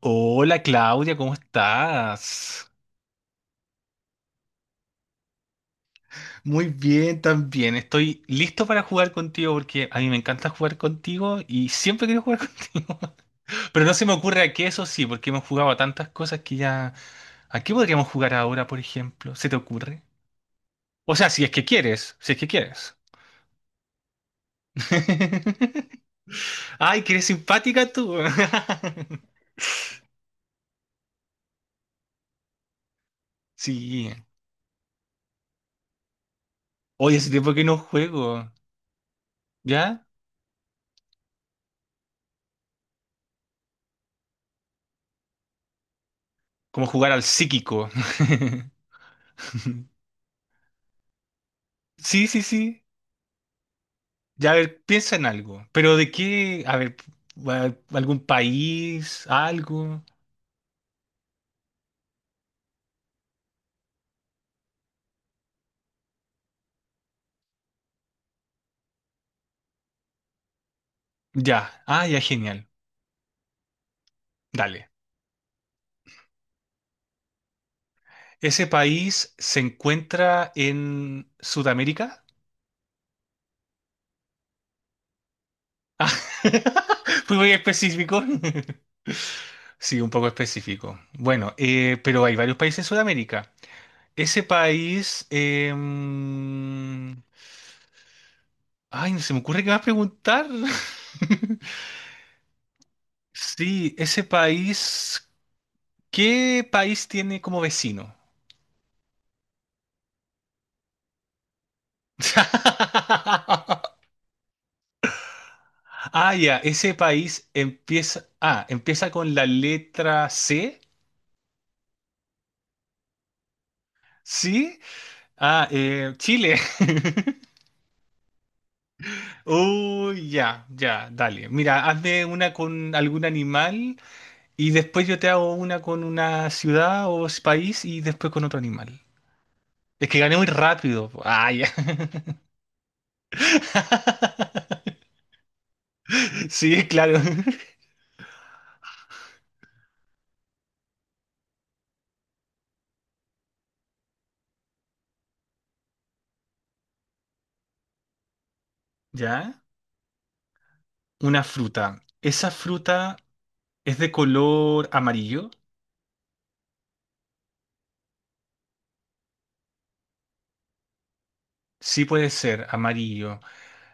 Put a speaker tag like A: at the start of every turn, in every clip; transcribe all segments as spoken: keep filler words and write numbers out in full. A: Hola Claudia, ¿cómo estás? Muy bien, también. Estoy listo para jugar contigo porque a mí me encanta jugar contigo y siempre quiero jugar contigo. Pero no se me ocurre a qué, eso sí, porque hemos jugado a tantas cosas que ya... ¿A qué podríamos jugar ahora, por ejemplo? ¿Se te ocurre? O sea, si es que quieres, si es que quieres. Ay, que eres simpática tú. Sí. Hoy hace tiempo que no juego, ¿ya? Como jugar al psíquico. Sí, sí, sí. Ya, a ver, piensa en algo. Pero de qué, a ver, a- algún país, algo. Ya, ah, ya, genial. Dale. ¿Ese país se encuentra en Sudamérica? Ah. Fui muy específico. Sí, un poco específico. Bueno, eh, pero hay varios países en Sudamérica. Ese país... em, Ay, no se me ocurre qué más preguntar. Sí, ese país... ¿Qué país tiene como vecino? Ah, ya, ese país empieza, ah, empieza con la letra C, ¿sí? Ah, eh, Chile. Uy, ya, ya, dale. Mira, hazme una con algún animal y después yo te hago una con una ciudad o s- país y después con otro animal. Es que gané muy rápido. Ah, ya. Sí, claro. Ya, una fruta. ¿Esa fruta es de color amarillo? Sí puede ser amarillo.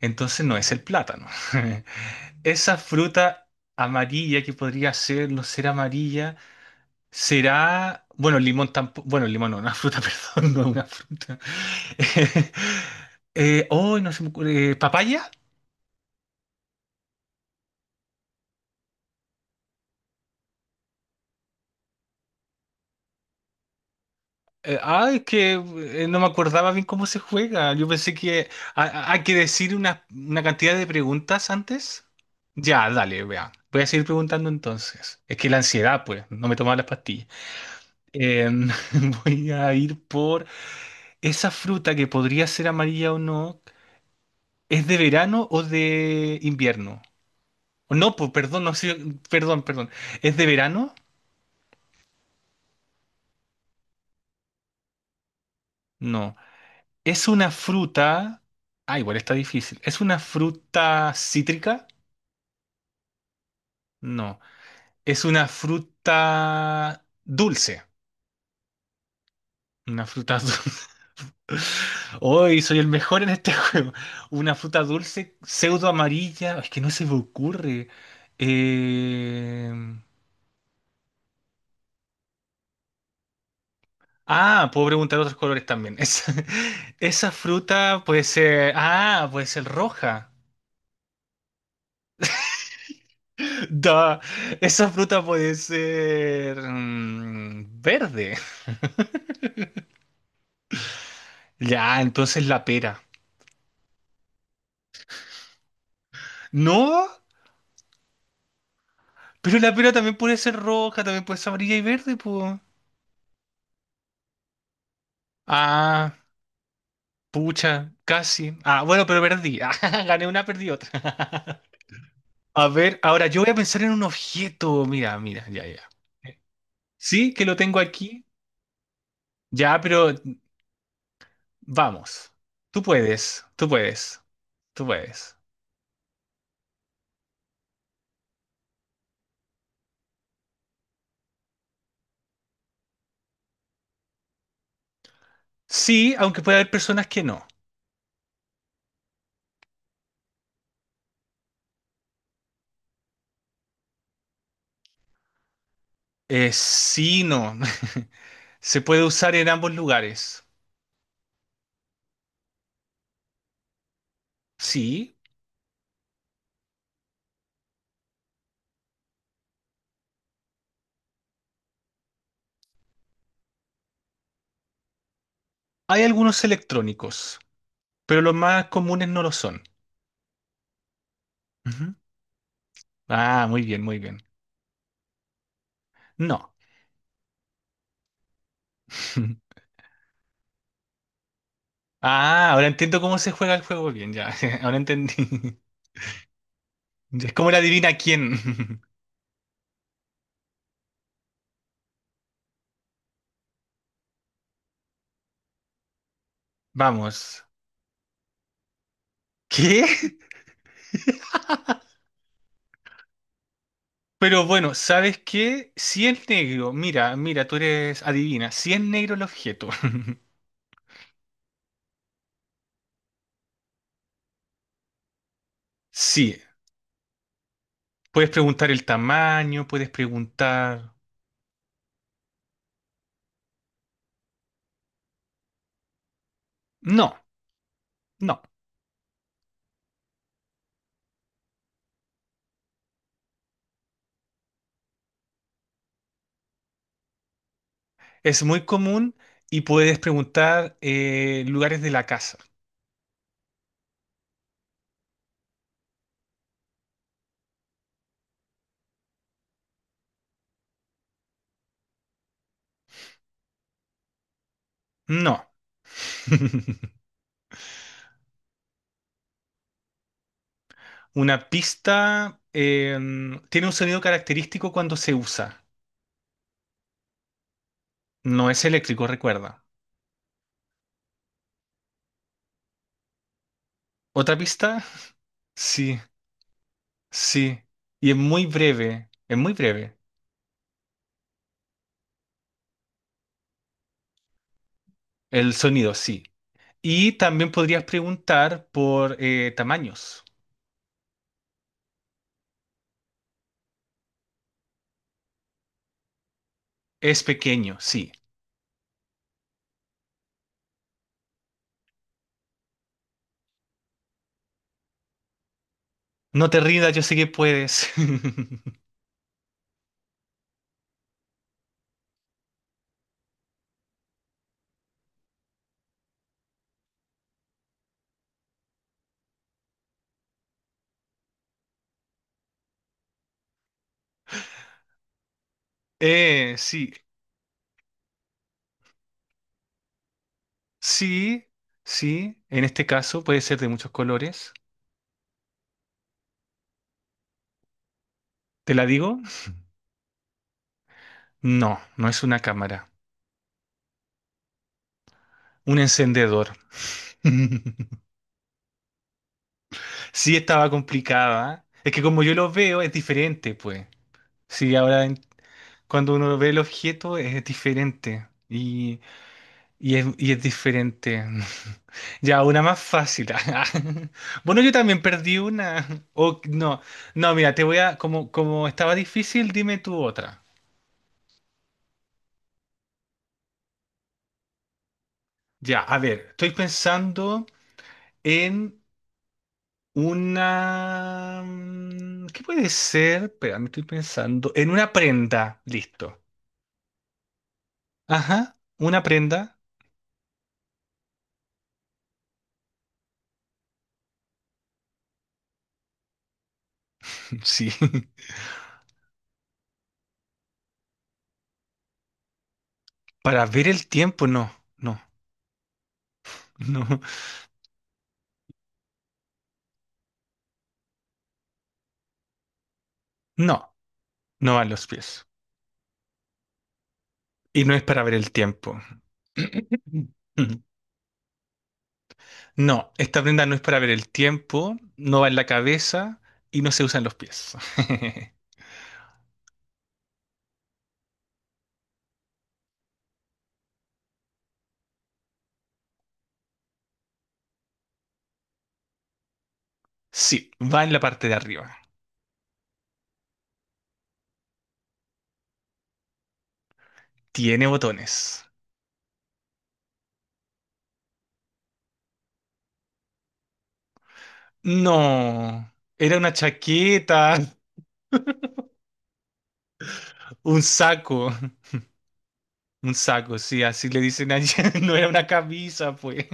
A: Entonces no es el plátano. Esa fruta amarilla que podría ser, no ser amarilla, será, bueno, el limón tampoco, bueno, el limón no, una fruta, perdón, no una fruta. Eh, oh, no se me ocurre, eh, ¿papaya? Eh, ah, es que eh, no me acordaba bien cómo se juega. Yo pensé que ah, ah, hay que decir una, una cantidad de preguntas antes. Ya, dale, vea. Voy a seguir preguntando entonces. Es que la ansiedad, pues, no me tomaba las pastillas. Em, voy a ir por esa fruta que podría ser amarilla o no. ¿Es de verano o de invierno? No, po- perdón, no sé, perdón, perdón. ¿Es de verano? No. Es una fruta. Ah, igual está difícil. ¿Es una fruta cítrica? No. Es una fruta dulce. Una fruta dulce. Hoy soy el mejor en este juego. Una fruta dulce, pseudo amarilla. Es que no se me ocurre. Eh, Ah, puedo preguntar otros colores también. Esa, esa fruta puede ser. Ah, puede ser roja. Da, esa fruta puede ser, mm, verde. Ya, entonces la pera. No, pero la pera también puede ser roja, también puede ser amarilla y verde, pues. Ah, pucha, casi. Ah, bueno, pero perdí. Ah, gané una, perdí otra. A ver, ahora yo voy a pensar en un objeto. Mira, mira, ya, ya. Sí, que lo tengo aquí. Ya, pero... Vamos. Tú puedes, tú puedes, tú puedes. Sí, aunque puede haber personas que no. Eh, sí, no. Se puede usar en ambos lugares. Sí, hay algunos electrónicos, pero los más comunes no lo son. Ujú. Ah, muy bien, muy bien. No. Ah, ahora entiendo cómo se juega el juego bien, ya. Ahora entendí. Es como la adivina quién. Vamos. ¿Qué? Pero bueno, ¿sabes qué? Si es negro, mira, mira, tú eres adivina, si es negro el objeto, sí, puedes preguntar el tamaño, puedes preguntar... No, no, es muy común y puedes preguntar eh, lugares de la casa. No. Una pista, eh, tiene un sonido característico cuando se usa, no es eléctrico, recuerda. ¿Otra pista? Sí, sí, y es muy breve, es muy breve. El sonido, sí. Y también podrías preguntar por eh, tamaños. Es pequeño, sí. No te rindas, yo sé que puedes. Eh, sí, sí, sí. En este caso puede ser de muchos colores. ¿Te la digo? No, no es una cámara. Un encendedor. Sí, estaba complicada. Es que como yo lo veo, es diferente, pues. Sí, ahora en- cuando uno ve el objeto es diferente. Y Y es, y es diferente. Ya, una más fácil. Bueno, yo también perdí una. O, no, no, mira, te voy a... Como, como estaba difícil, dime tú otra. Ya, a ver, estoy pensando en una, mm, ¿qué puede ser? Espera, me estoy pensando. En una prenda. Listo. Ajá, una prenda. Sí. Para ver el tiempo, no, no, no. No, no van los pies. Y no es para ver el tiempo. No, esta prenda no es para ver el tiempo, no va en la cabeza y no se usa en los pies. Sí, va en la parte de arriba. Tiene botones. No, era una chaqueta, un saco, un saco, sí, así le dicen allá. No era una camisa, pues.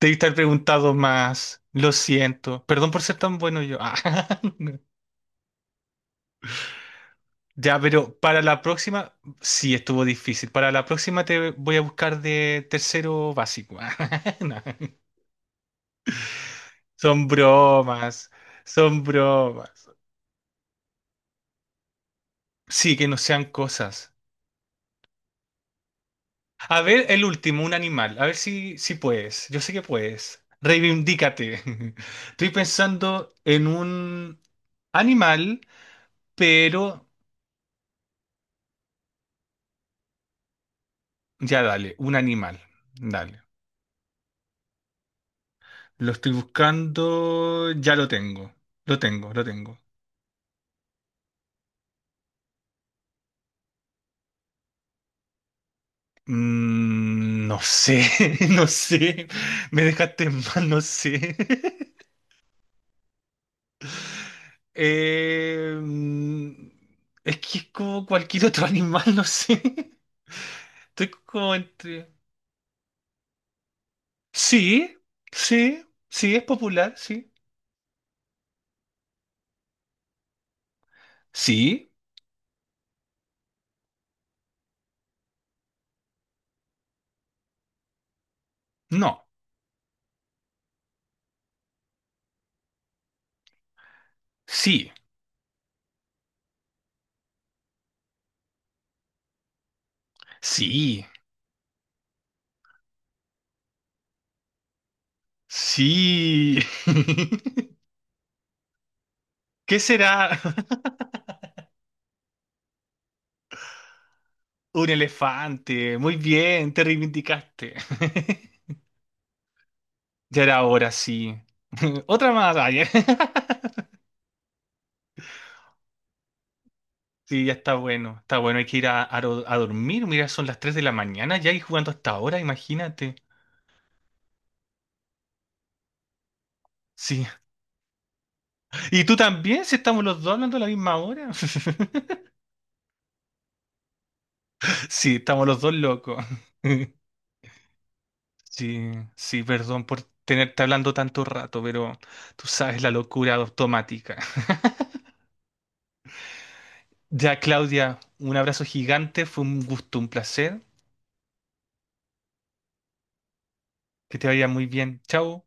A: Debí estar preguntado más. Lo siento. Perdón por ser tan bueno yo. Ah. Ya, pero para la próxima, sí estuvo difícil. Para la próxima te voy a buscar de tercero básico. No, son bromas, son bromas. Sí, que no sean cosas. A ver, el último, un animal. A ver si, si puedes. Yo sé que puedes. Reivindícate. Estoy pensando en un animal, pero ya dale, un animal. Dale. Lo estoy buscando, ya lo tengo. Lo tengo, lo tengo. Mm, no sé, no sé. Me dejaste en mal, no sé. Eh, mm, es que es como cualquier otro animal, no sé. Estoy como entre... Sí, sí, sí, es popular, sí. Sí, no, sí, sí, sí. ¿Qué será? Un elefante. Muy bien, te reivindicaste. Ya era hora, sí. Otra más. Ay. Sí, ya está bueno, está bueno, hay que ir a, a ro- a dormir, mira, son las tres de la mañana ya y jugando hasta ahora, imagínate. Sí, y tú también, si estamos los dos hablando a la misma hora. Sí, estamos los dos locos. Sí, sí, perdón por tenerte hablando tanto rato, pero tú sabes la locura automática. Ya, Claudia, un abrazo gigante, fue un gusto, un placer, que te vaya muy bien. Chao.